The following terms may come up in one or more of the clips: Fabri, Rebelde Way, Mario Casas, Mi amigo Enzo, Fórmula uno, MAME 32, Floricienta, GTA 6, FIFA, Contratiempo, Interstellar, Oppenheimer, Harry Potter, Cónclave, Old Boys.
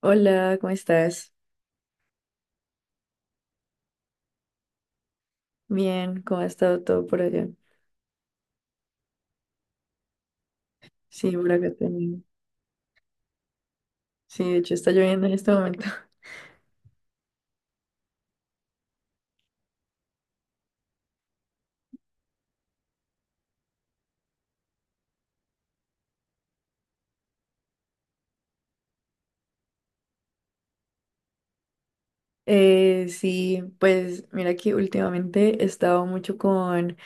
Hola, ¿cómo estás? Bien, ¿cómo ha estado todo por allá? Sí, por acá también. Sí, de hecho está lloviendo en este momento. Sí, pues mira que últimamente he estado mucho con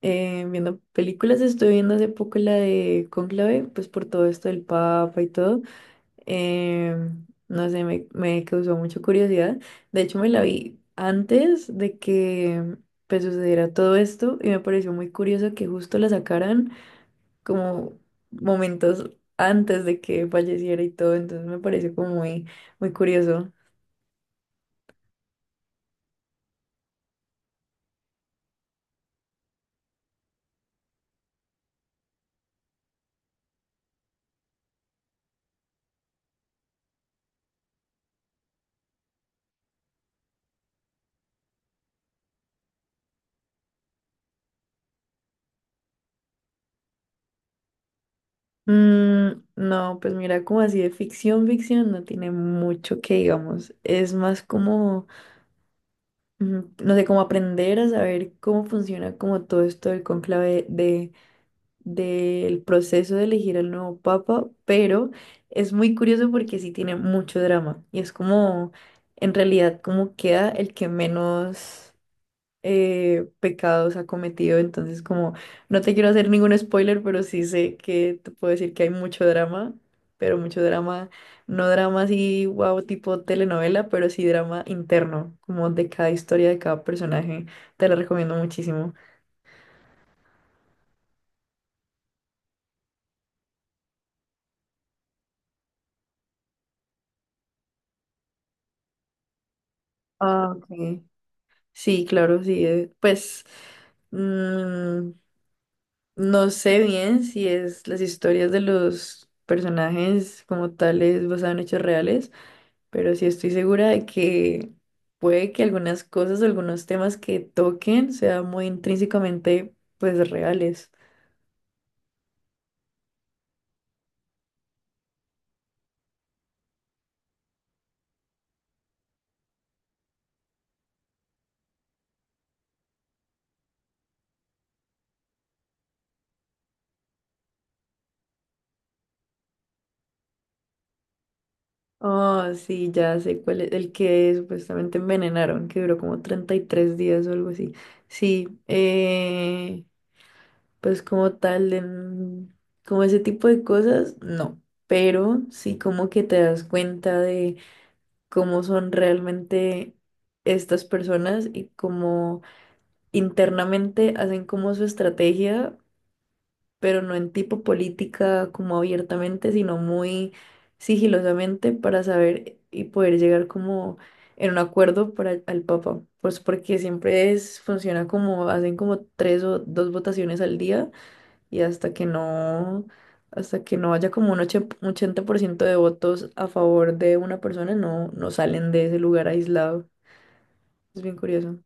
viendo películas. Estuve viendo hace poco la de Cónclave, pues por todo esto del Papa y todo. No sé, me causó mucha curiosidad. De hecho, me la vi antes de que pues sucediera todo esto y me pareció muy curioso que justo la sacaran, como momentos antes de que falleciera y todo. Entonces me pareció como muy, muy curioso. Mm, no, pues mira, como así de ficción, ficción no tiene mucho, que digamos, es más como, no sé, como aprender a saber cómo funciona como todo esto del conclave de, del proceso de elegir al nuevo papa. Pero es muy curioso porque sí tiene mucho drama y es como, en realidad, como queda el que menos pecados ha cometido. Entonces, como no te quiero hacer ningún spoiler, pero sí sé que te puedo decir que hay mucho drama, pero mucho drama. No drama así, wow, tipo telenovela, pero sí drama interno, como de cada historia, de cada personaje. Te la recomiendo muchísimo. Ah, ok. Sí, claro, sí, pues mm, no sé bien si es las historias de los personajes como tales basadas en hechos reales, pero sí estoy segura de que puede que algunas cosas, algunos temas que toquen sean muy intrínsecamente pues reales. Oh, sí, ya sé cuál es el que supuestamente envenenaron, que duró como 33 días o algo así. Sí, pues como tal, como ese tipo de cosas, no. Pero sí, como que te das cuenta de cómo son realmente estas personas y cómo internamente hacen como su estrategia, pero no en tipo política como abiertamente, sino muy sigilosamente, para saber y poder llegar como en un acuerdo para al Papa. Pues porque siempre es, funciona como, hacen como tres o dos votaciones al día, y hasta que no haya como un 80% de votos a favor de una persona, no, no salen de ese lugar aislado. Es bien curioso.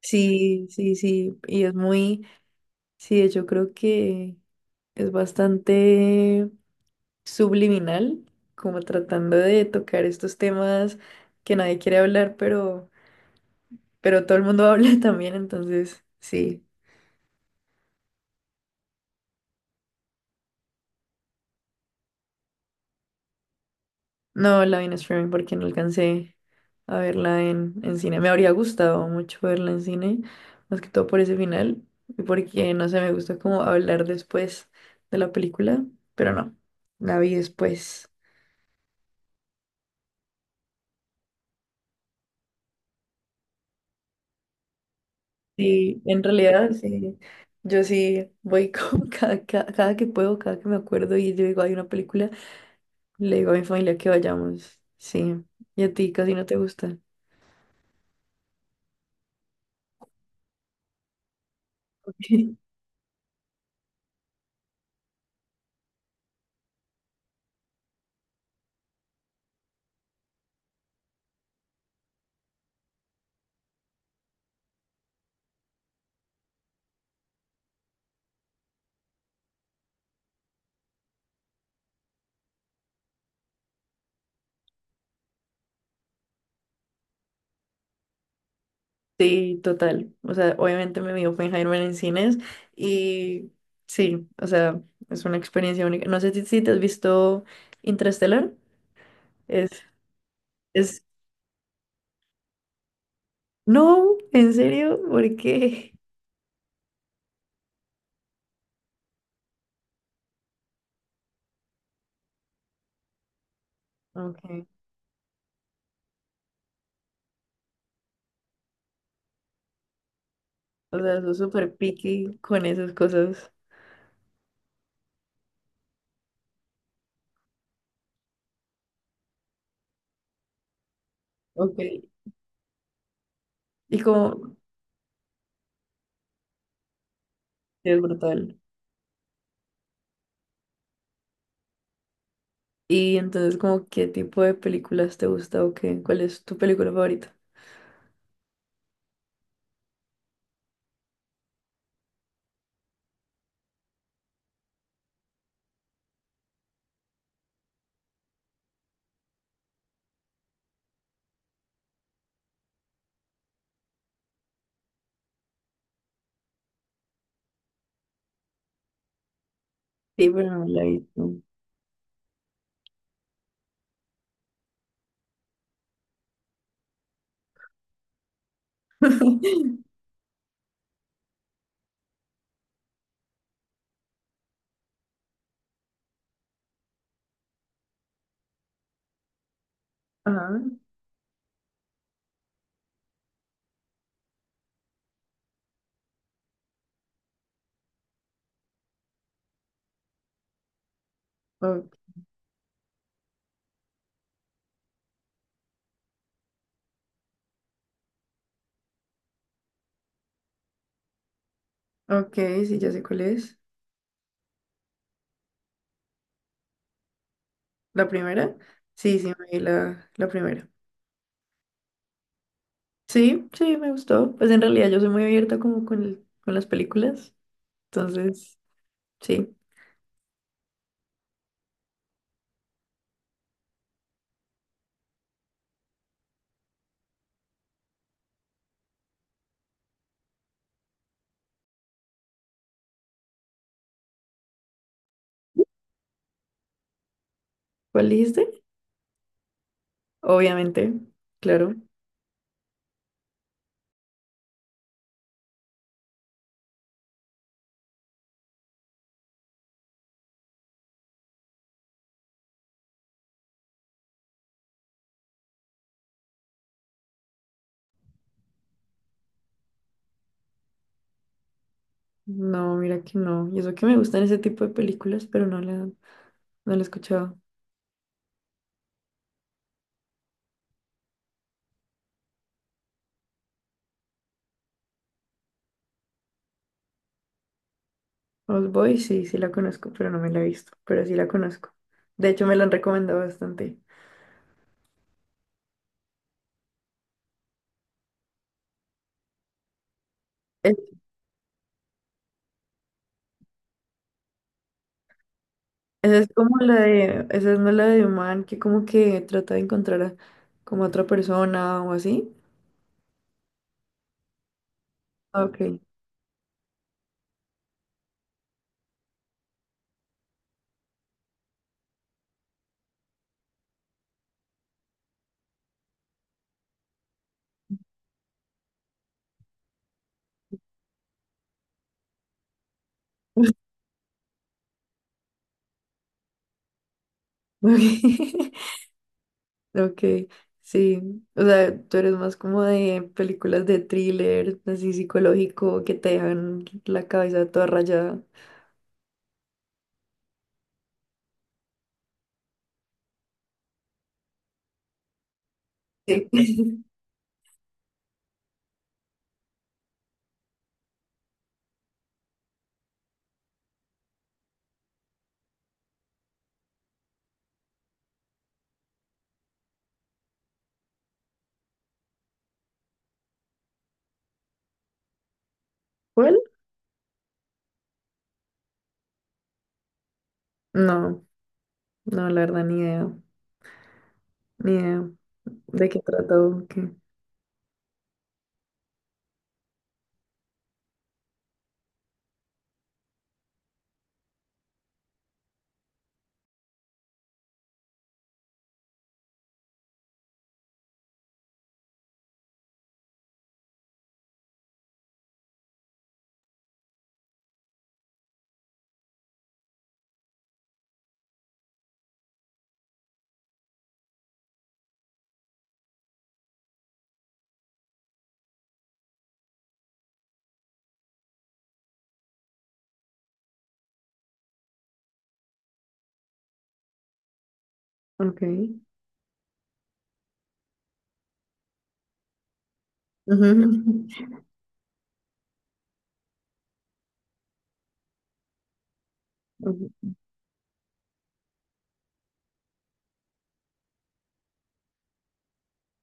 Sí, sí, sí, y es muy, sí, yo creo que es bastante subliminal, como tratando de tocar estos temas que nadie quiere hablar, pero todo el mundo habla también, entonces sí. No la vi en streaming porque no alcancé a verla en cine. Me habría gustado mucho verla en cine, más que todo por ese final, y porque no sé, me gusta como hablar después de la película, pero no, la vi después. Sí, en realidad, sí. Yo sí voy con cada que puedo, cada que me acuerdo y yo digo, hay una película, le digo a mi familia que vayamos. Sí. Y a ti casi no te gusta. Sí, total. O sea, obviamente me vi Oppenheimer en cines y sí, o sea, es una experiencia única. No sé si te has visto Interstellar. Es, es, no, en serio, ¿por qué? Ok. O sea, soy súper picky con esas cosas. Ok. Y como, es brutal. Y entonces, como, ¿qué tipo de películas te gusta o qué? ¿Cuál es tu película favorita? Sí, pero no la he visto. Ajá. o- ok, sí, ya sé cuál es. ¿La primera? Sí, sí, me vi la primera. Sí, sí, me gustó. Pues en realidad yo soy muy abierta como con, con las películas. Entonces, sí. ¿Cuál dijiste? Obviamente, claro. No, mira que no. Y eso que me gustan ese tipo de películas, pero no no la he escuchado. Old Boys sí, sí la conozco, pero no me la he visto, pero sí la conozco. De hecho, me la han recomendado bastante. Es- Esa es como la de, esa es no la de un man que como que trata de encontrar a, como a otra persona o así. Ah, ok, ok, ok, sí. O sea, tú eres más como de películas de thriller, así psicológico, que te dejan la cabeza toda rayada. Sí. ¿Cuál? No, no, la verdad, ni idea, ni idea de qué trata o qué. Ok. Ujú. Ujú.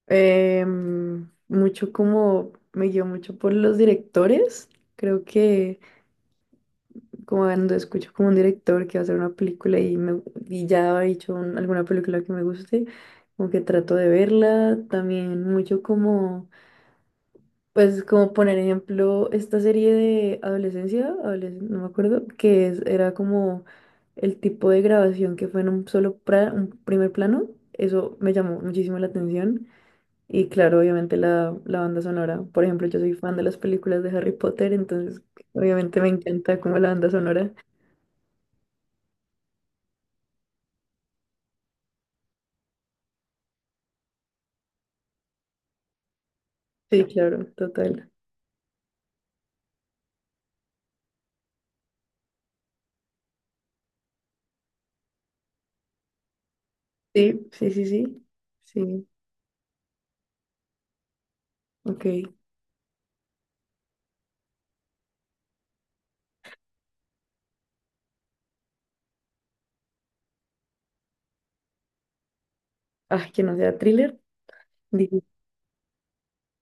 Mucho como me guío mucho por los directores. Creo que como cuando escucho como un director que va a hacer una película y, y ya ha hecho alguna película que me guste, como que trato de verla. También mucho como, pues como poner ejemplo esta serie de adolescencia, no me acuerdo, que era como el tipo de grabación que fue en un solo un primer plano. Eso me llamó muchísimo la atención. Y claro, obviamente la banda sonora. Por ejemplo, yo soy fan de las películas de Harry Potter, entonces obviamente me encanta como la banda sonora. Sí, claro, total. Sí, sí, sí, sí. Sí, ok. Ah, que no sea thriller. Dije,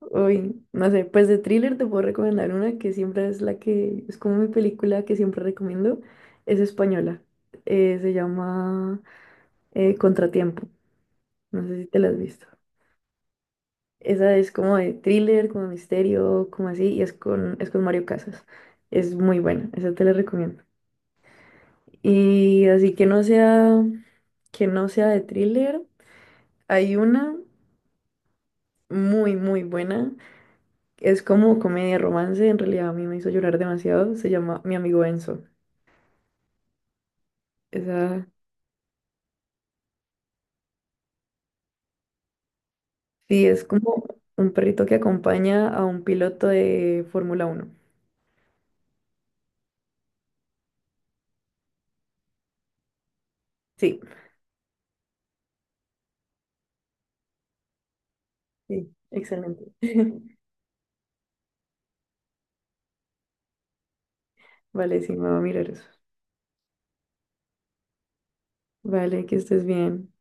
uy, no sé, pues de thriller te puedo recomendar una que siempre es la que, es como mi película que siempre recomiendo. Es española. Se llama Contratiempo. No sé si te la has visto. Esa es como de thriller, como de misterio, como así, y es con Mario Casas. Es muy buena, esa te la recomiendo. Y así que no sea de thriller, hay una muy, muy buena. Es como comedia romance, en realidad a mí me hizo llorar demasiado. Se llama Mi amigo Enzo. Esa sí es como un perrito que acompaña a un piloto de Fórmula 1. Sí, sí, excelente. Vale, sí, me va a mirar eso. Vale, que estés bien.